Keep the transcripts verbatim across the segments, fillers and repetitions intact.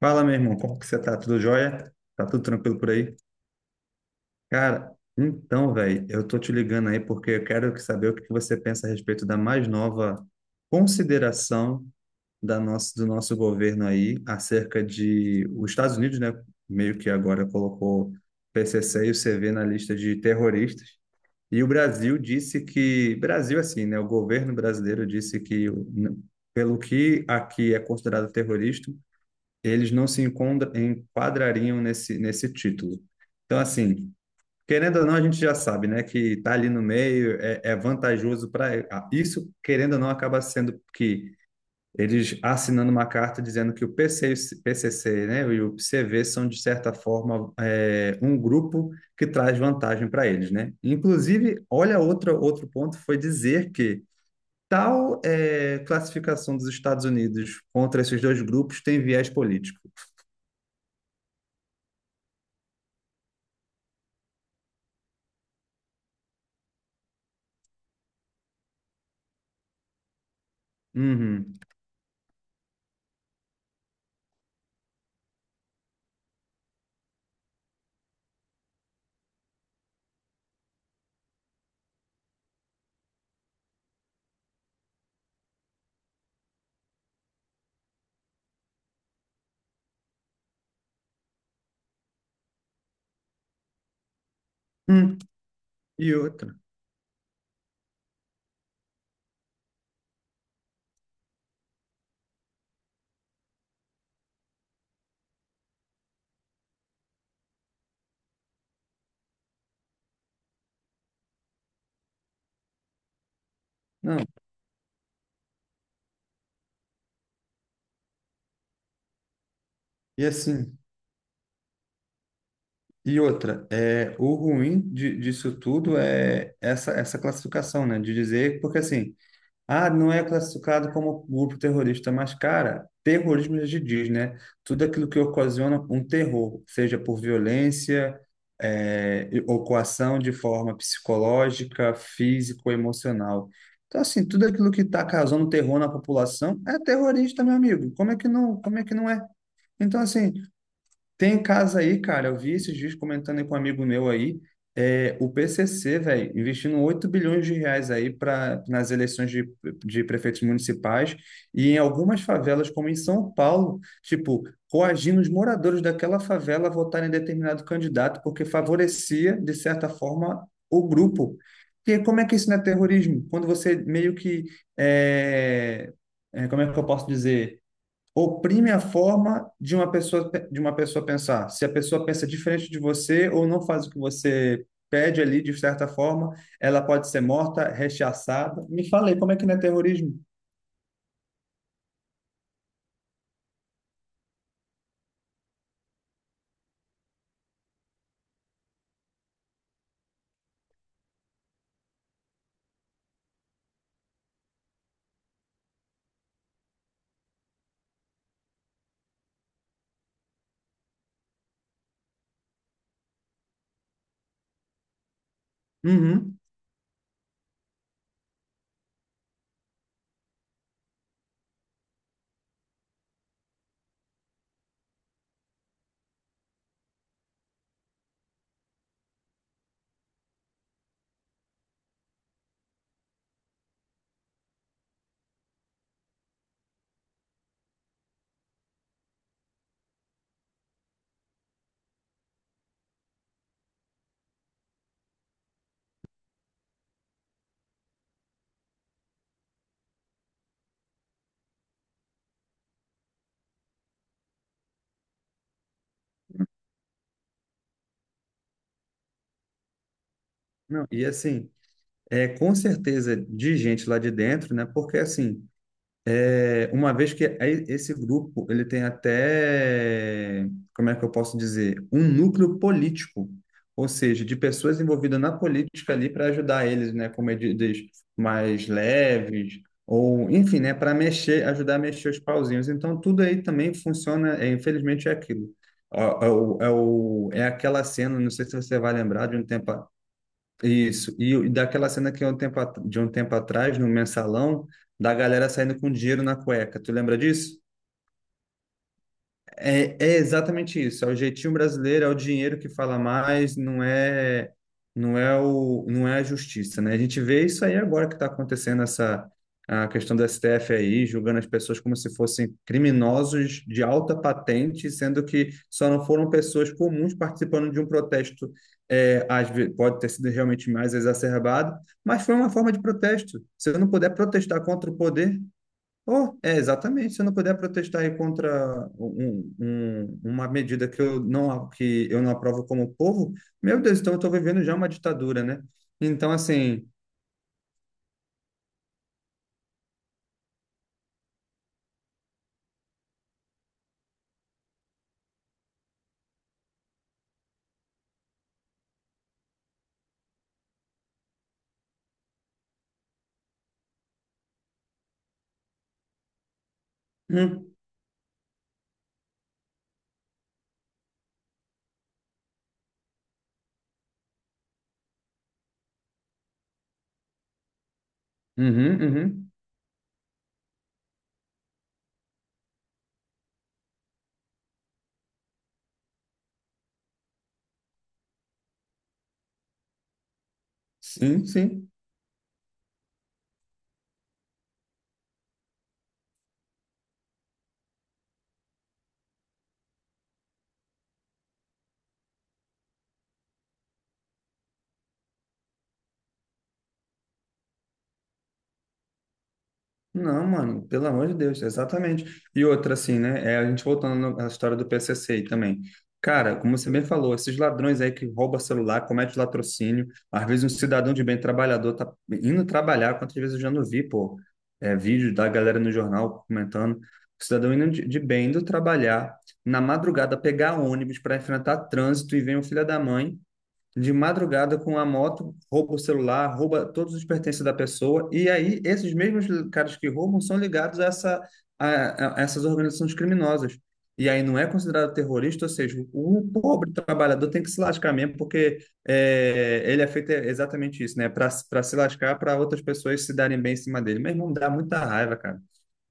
Fala, meu irmão, como que você tá? Tudo jóia? Tá tudo tranquilo por aí? Cara, então, velho, eu tô te ligando aí porque eu quero saber o que que você pensa a respeito da mais nova consideração da nossa, do nosso governo aí acerca de os Estados Unidos, né? Meio que agora colocou P C C e o C V na lista de terroristas. E o Brasil disse que, Brasil assim, né? O governo brasileiro disse que, pelo que aqui é considerado terrorista, eles não se encontra- enquadrariam nesse, nesse título. Então, assim, querendo ou não, a gente já sabe, né, que está ali no meio é, é vantajoso para isso, querendo ou não, acaba sendo que eles assinando uma carta dizendo que o PC, P C C, né, e o C V são, de certa forma, é, um grupo que traz vantagem para eles, né? Inclusive, olha outra, outro ponto, foi dizer que Tal é, classificação dos Estados Unidos contra esses dois grupos tem viés político. Uhum. Hum, e outra. Não, e assim, e outra, é, o ruim de, disso tudo é essa, essa classificação, né? De dizer, porque assim, ah, não é classificado como grupo terrorista, mas, cara, terrorismo já se diz, né? Tudo aquilo que ocasiona um terror, seja por violência, é, e- ou coação de forma psicológica, físico, emocional. Então, assim, tudo aquilo que está causando terror na população é terrorista, meu amigo. Como é que não, como é que não é? Então, assim. Tem casa aí, cara. Eu vi esses dias comentando aí com um amigo meu aí, é, o P C C, velho, investindo oito bilhões de reais aí para nas eleições de, de prefeitos municipais e em algumas favelas, como em São Paulo, tipo, coagindo os moradores daquela favela a votarem em determinado candidato, porque favorecia, de certa forma, o grupo. E como é que isso não é terrorismo? Quando você meio que, é, é, como é que eu posso dizer, oprime a forma de uma pessoa de uma pessoa pensar. Se a pessoa pensa diferente de você ou não faz o que você pede ali de certa forma, ela pode ser morta, rechaçada. Me falei, como é que não é terrorismo? Uhum. Não, e assim, é com certeza de gente lá de dentro, né? Porque assim, É, uma vez que aí esse grupo ele tem até, como é que eu posso dizer, um núcleo político, ou seja, de pessoas envolvidas na política ali para ajudar eles, né, com medidas mais leves ou, enfim, né, para mexer, ajudar a mexer os pauzinhos. Então tudo aí também funciona, é, infelizmente é aquilo. É, é, o, é, o, é aquela cena, não sei se você vai lembrar de um tempo, isso, e o- e daquela cena que é um tempo at- de um tempo atrás, no mensalão, da galera saindo com dinheiro na cueca. Tu lembra disso? É, é exatamente isso. É o jeitinho brasileiro, é o dinheiro que fala mais, não é, não é o, não é a justiça, né? A gente vê isso aí agora que está acontecendo essa a questão do S T F aí, julgando as pessoas como se fossem criminosos de alta patente, sendo que só não foram pessoas comuns participando de um protesto. É, às ve- pode ter sido realmente mais exacerbado, mas foi uma forma de protesto. Se eu não puder protestar contra o poder. Oh, é, exatamente. Se eu não puder protestar aí contra um- um- um, uma medida que eu não, que eu não aprovo como povo, meu Deus, então eu estou vivendo já uma ditadura, né? Então, assim. Hum, uhum, uhum, sim, sim. Não, mano, pelo amor de Deus, exatamente. E outra, assim, né? É a gente voltando no- à história do P C C aí também. Cara, como você bem falou, esses ladrões aí que roubam celular, comete latrocínio, às vezes um cidadão de bem trabalhador tá indo trabalhar, quantas vezes eu já não vi, pô, é, vídeo da galera no jornal comentando, cidadão indo de, de bem, indo trabalhar, na madrugada pegar ônibus para enfrentar trânsito e vem o filho da mãe de madrugada com a moto, rouba o celular, rouba todos os pertences da pessoa, e aí esses mesmos caras que roubam são ligados a, essa, a, a essas organizações criminosas. E aí não é considerado terrorista, ou seja, o pobre trabalhador tem que se lascar mesmo, porque é, ele é feito exatamente isso, né? Para se lascar, para outras pessoas se darem bem em cima dele. Meu não dá muita raiva, cara.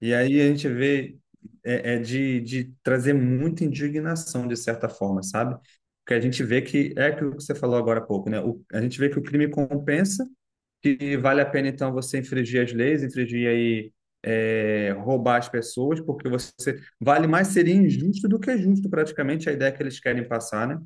E aí a gente vê é, é de, de trazer muita indignação, de certa forma, sabe? Porque a gente vê que é aquilo que você falou agora há pouco, né? O, a gente vê que o crime compensa, que vale a pena então você infringir as leis, infringir aí, é, roubar as pessoas, porque você vale mais seria injusto do que justo, praticamente, a ideia que eles querem passar, né?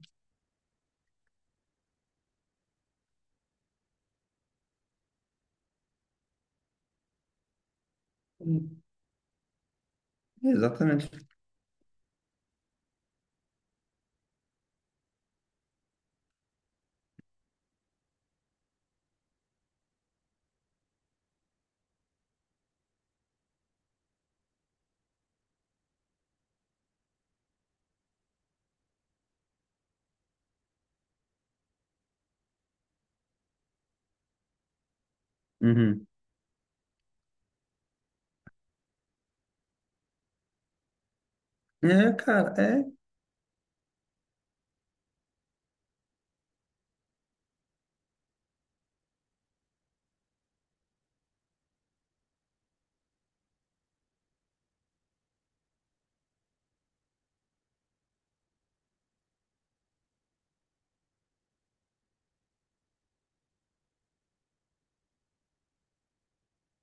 Exatamente. Uhum. É, cara, é.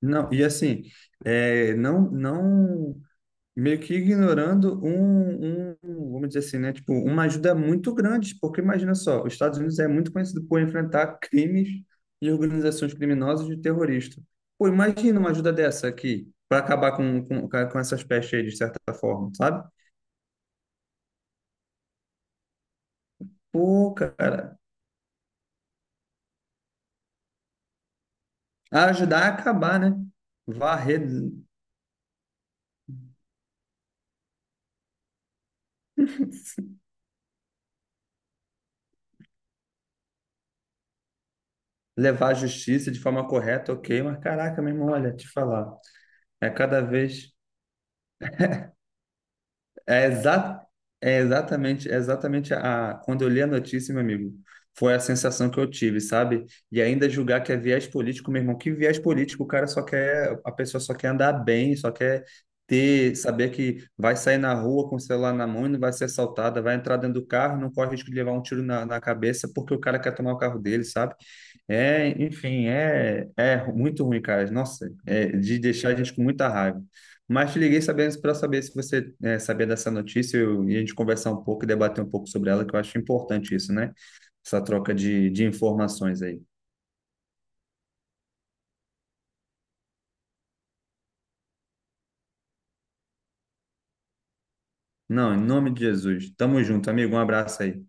Não, e assim, é, não, não meio que ignorando um, um, vamos dizer assim, né? Tipo, uma ajuda muito grande, porque imagina só, os Estados Unidos é muito conhecido por enfrentar crimes e organizações criminosas de terrorista. Pô, imagina uma ajuda dessa aqui para acabar com, com, com essas pestes aí, de certa forma, sabe? Pô, cara, ajudar a acabar, né? Varrer, levar a justiça de forma correta, ok, mas caraca, meu irmão, olha, te falar, é cada vez. É, exa é exatamente, é exatamente a, quando eu li a notícia, meu amigo, foi a sensação que eu tive, sabe? E ainda julgar que é viés político, meu irmão, que viés político, o cara só quer, a pessoa só quer andar bem, só quer ter, saber que vai sair na rua com o celular na mão e não vai ser assaltada, vai entrar dentro do carro, não corre risco de levar um tiro na, na cabeça porque o cara quer tomar o carro dele, sabe? É, enfim, é, é muito ruim, cara. Nossa, é de deixar a gente com muita raiva. Mas te liguei sabendo para saber se você é, sabia dessa notícia eu- e a gente conversar um pouco e debater um pouco sobre ela, que eu acho importante isso, né? Essa troca de, de informações aí. Não, em nome de Jesus. Tamo junto, amigo. Um abraço aí.